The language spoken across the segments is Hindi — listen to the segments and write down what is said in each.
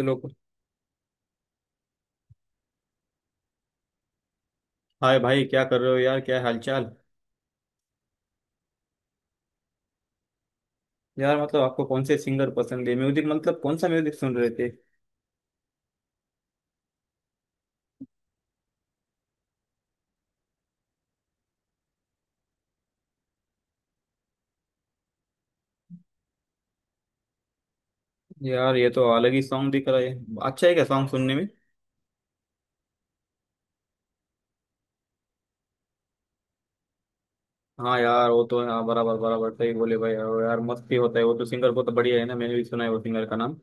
हेलो। हाय भाई, क्या कर रहे हो यार? क्या हालचाल। यार मतलब आपको कौन से सिंगर पसंद है? म्यूजिक मतलब कौन सा म्यूजिक सुन रहे थे? यार ये तो अलग ही सॉन्ग दिख रहा है। अच्छा है क्या सॉन्ग सुनने में? हाँ यार, वो तो हाँ बराबर बराबर सही बोले भाई। यार मस्त ही होता है वो तो। सिंगर को तो बढ़िया है ना, मैंने भी सुना है वो सिंगर का नाम।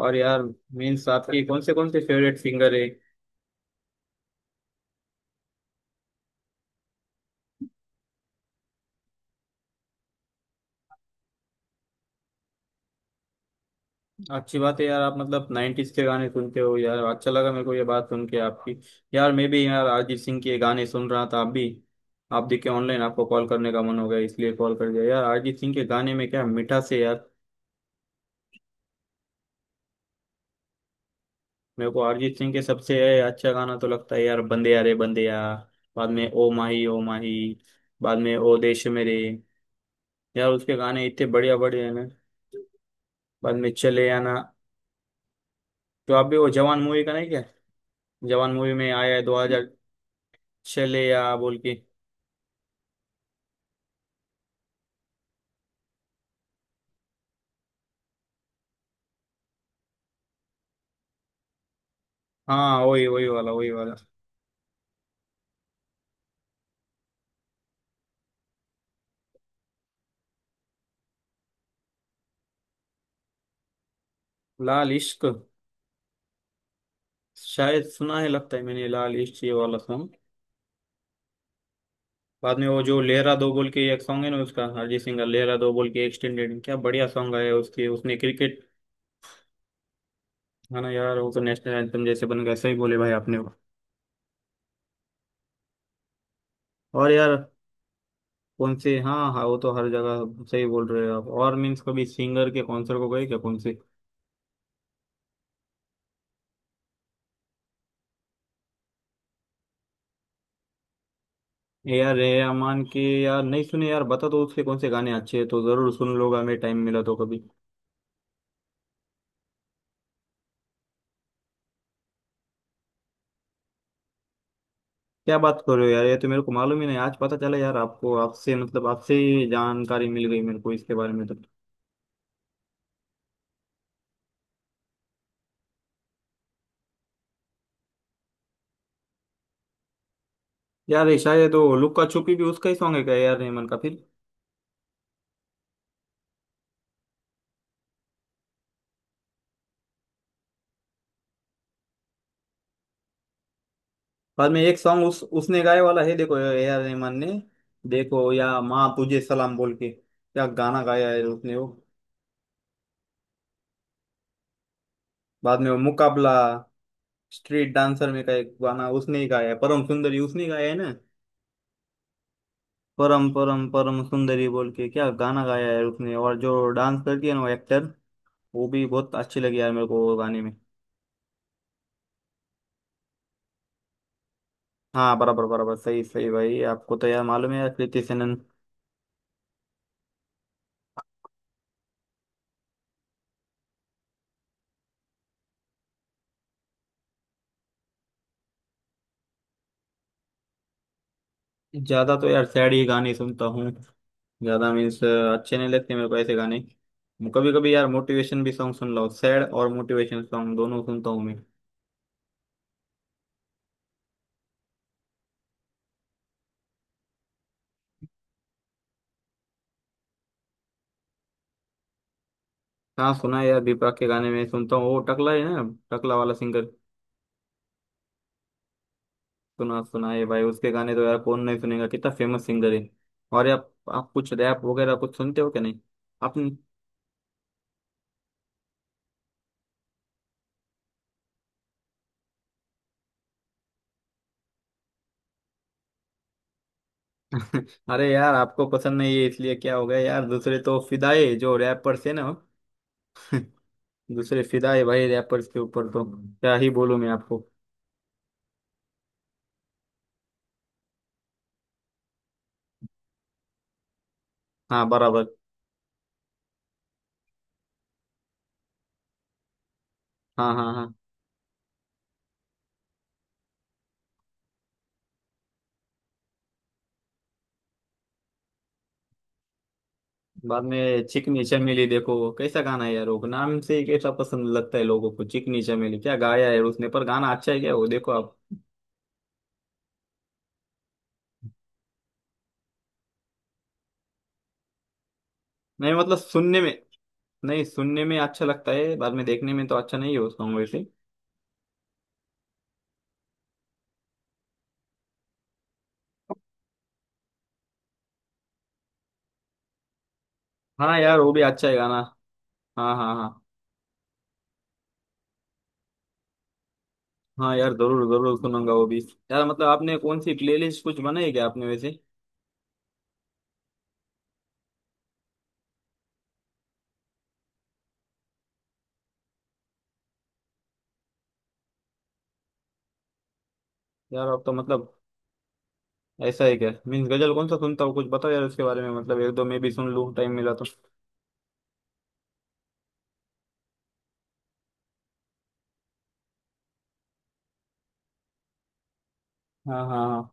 और यार मीन्स आपकी कौन से फेवरेट सिंगर है? अच्छी बात है यार। आप मतलब 90s के गाने सुनते हो यार, अच्छा लगा मेरे को ये बात सुन के आपकी। यार मैं भी यार अरिजीत सिंह के गाने सुन रहा था, आप भी। आप देखे ऑनलाइन, आपको कॉल करने का मन हो गया इसलिए कॉल कर दिया। यार अरिजीत सिंह के गाने में क्या मिठास है यार। मेरे को अरिजीत सिंह के सबसे अच्छा गाना तो लगता है यार, बंदे यारे बंदे यार। बाद में ओ माही, ओ माही। बाद में ओ देश मेरे। यार उसके गाने इतने बढ़िया बढ़िया है ना। बाद में चले आना। तो आप भी, वो जवान मूवी का नहीं क्या? जवान मूवी में आया है 2000। चले या बोल के। हाँ वही वही वाला, वही वाला। लाल इश्क। शायद सुना है लगता है मैंने, लाल इश्क ये वाला सॉन्ग। बाद में वो जो लहरा दो बोल के एक सॉन्ग है ना, उसका अरिजीत सिंह का लहरा दो बोल के एक्सटेंडेड क्या बढ़िया सॉन्ग आया है उसके। उसने क्रिकेट। है ना यार, वो तो नेशनल एंथम जैसे बन गया, सही बोले भाई आपने। और यार कौन से। हाँ हाँ, वो तो हर जगह सही बोल रहे हो आप। और मीन्स कभी सिंगर के कॉन्सर्ट को गए क्या? कौन से? ए आर रहमान के यार नहीं सुने। यार बता दो उसके कौन से गाने अच्छे हैं तो जरूर सुन लूंगा मैं, टाइम मिला तो कभी। क्या बात कर रहे हो यार! ये तो मेरे को मालूम ही नहीं, आज पता चला यार। आपको आपसे मतलब आपसे ही जानकारी मिल गई मेरे को इसके बारे में तो। यार ये शायद वो लुक्का छुपी भी उसका ही सॉन्ग है क्या, ए आर रहमान का फिर? बाद में एक सॉन्ग उस उसने गाए वाला है, देखो ए आर रहमान ने। देखो, या माँ तुझे सलाम बोल के क्या गाना गाया है उसने वो। बाद में वो मुकाबला। स्ट्रीट डांसर में का एक गाना उसने ही गाया है, परम सुंदरी उसने ही गाया है ना। परम परम परम सुंदरी बोल के क्या गाना गाया है उसने, और जो डांस करती है ना वो एक्टर। वो भी बहुत अच्छी लगी यार मेरे को, वो गाने में। हाँ बराबर बराबर, सही सही भाई। आपको तो यार मालूम है यार, कृति सेनन। ज्यादा तो यार सैड ही गाने सुनता हूँ। ज्यादा मीन्स अच्छे नहीं लगते मेरे को ऐसे गाने। कभी कभी यार मोटिवेशन भी सॉन्ग सुन लो। सैड और मोटिवेशन सॉन्ग दोनों सुनता हूँ मैं। हाँ सुना है यार, दीपक के गाने में सुनता हूँ। वो टकला है ना। टकला वाला सिंगर। सुना सुना है भाई उसके गाने। तो यार कौन नहीं सुनेगा, कितना फेमस सिंगर है। और यार आप कुछ रैप वगैरह कुछ सुनते हो क्या? नहीं आपने? अरे यार आपको पसंद नहीं है इसलिए क्या हो गया यार, दूसरे तो फिदाई जो रैपर्स है ना। दूसरे फिदाई भाई रैपर्स के ऊपर तो। क्या ही बोलूं मैं आपको। हाँ बराबर। हाँ हाँ हाँ। बाद में चिकनी चमेली देखो कैसा गाना है यार, वो नाम से ही कैसा पसंद लगता है लोगों को। चिकनी चमेली क्या गाया है उसने, पर गाना अच्छा है क्या वो? देखो आप। नहीं मतलब सुनने में। नहीं, सुनने में अच्छा लगता है, बाद में देखने में तो अच्छा नहीं है वो सॉन्ग वैसे। हाँ यार वो भी अच्छा है गाना। हाँ हाँ हाँ। हाँ यार जरूर जरूर सुनूंगा वो भी। यार मतलब आपने कौन सी प्लेलिस्ट कुछ बनाई क्या आपने वैसे? यार आप तो मतलब। ऐसा है क्या? मीन्स गजल कौन सा सुनता हो कुछ बताओ यार उसके बारे में, मतलब एक दो मैं भी सुन लूँ टाइम मिला तो। हाँ हाँ हाँ।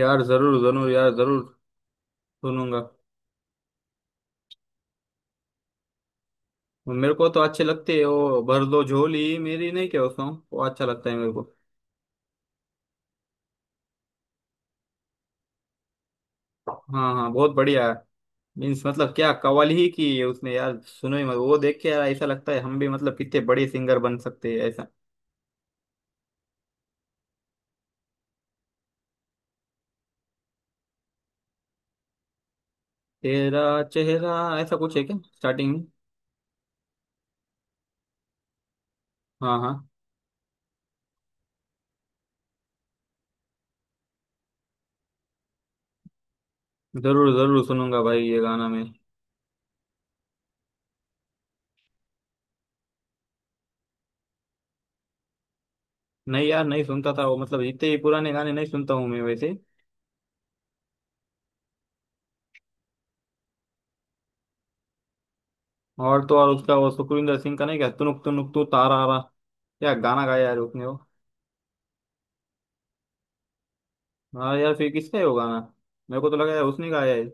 यार जरूर जरूर यार जरूर सुनूंगा। मेरे को तो अच्छे लगते हैं, वो भर दो झोली मेरी नहीं क्या उसको? वो अच्छा लगता है मेरे को। हाँ हाँ, बहुत बढ़िया है। मीन्स मतलब क्या कवाली ही की है उसने! यार सुनो ही मत वो, देख के यार ऐसा लगता है हम भी मतलब कितने बड़े सिंगर बन सकते हैं ऐसा। तेरा चेहरा। ऐसा कुछ है क्या स्टार्टिंग में? हाँ हाँ। जरूर जरूर सुनूंगा भाई ये गाना मैं। नहीं यार नहीं सुनता था वो, मतलब इतने ही पुराने गाने नहीं सुनता हूँ मैं वैसे। और तो और उसका वो सुखविंदर सिंह का नहीं क्या, तुनुक तुनुक तू तारा रा? क्या गाना गाया यार उसने वो। हाँ यार, फिर किसका है वो गाना? मेरे को तो लगा यार उसने गाया है।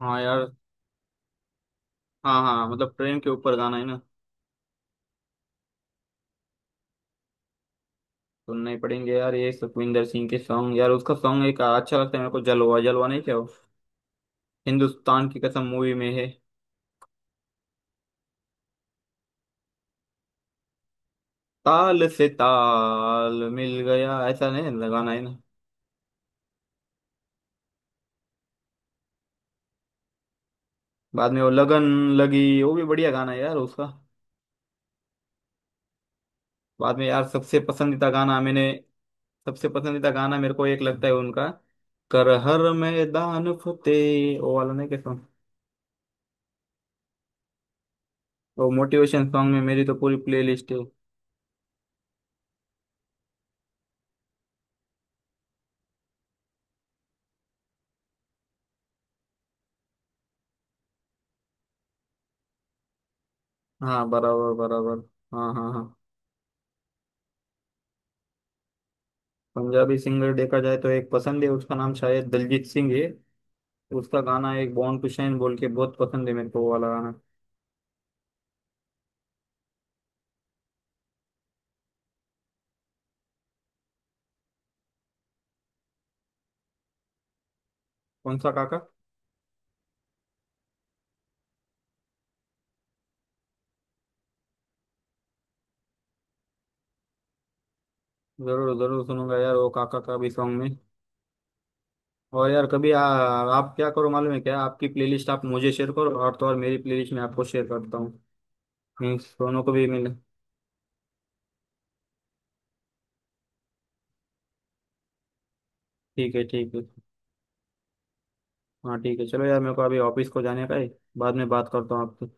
हाँ यार। हाँ हाँ, मतलब ट्रेन के ऊपर गाना है ना? सुनना ही पड़ेंगे यार ये सुखविंदर सिंह के सॉन्ग। यार उसका सॉन्ग एक अच्छा लगता है मेरे को, जलवा जलवा नहीं क्या वो? हिंदुस्तान की कसम मूवी में है। ताल से ताल मिल गया, ऐसा नहीं लगाना है ना? बाद में वो लगन। लगी वो भी बढ़िया गाना है यार उसका। बाद में यार सबसे पसंदीदा गाना मैंने। सबसे पसंदीदा गाना मेरे को एक लगता है उनका। कर हर मैदान फतेह वो वाला नहीं, कैसा? वो मोटिवेशन सॉन्ग में मेरी तो पूरी प्लेलिस्ट है। हाँ बराबर बराबर। हाँ हाँ हाँ। पंजाबी सिंगर देखा जाए तो एक पसंद है, उसका नाम शायद दलजीत सिंह है। उसका गाना एक बॉर्न टू शाइन बोल के बहुत पसंद है मेरे को वो वाला गाना। कौन सा काका? जरूर जरूर सुनूंगा यार वो काका का भी सॉन्ग में। और यार कभी आप क्या करो मालूम है क्या? आपकी प्लेलिस्ट आप मुझे शेयर करो, और तो और मेरी प्लेलिस्ट मैं आपको शेयर करता हूँ। मीन्स दोनों को भी मिले। ठीक है ठीक है। हाँ ठीक है, चलो यार मेरे को अभी ऑफिस को जाने का है। बाद में बात करता हूँ आपसे।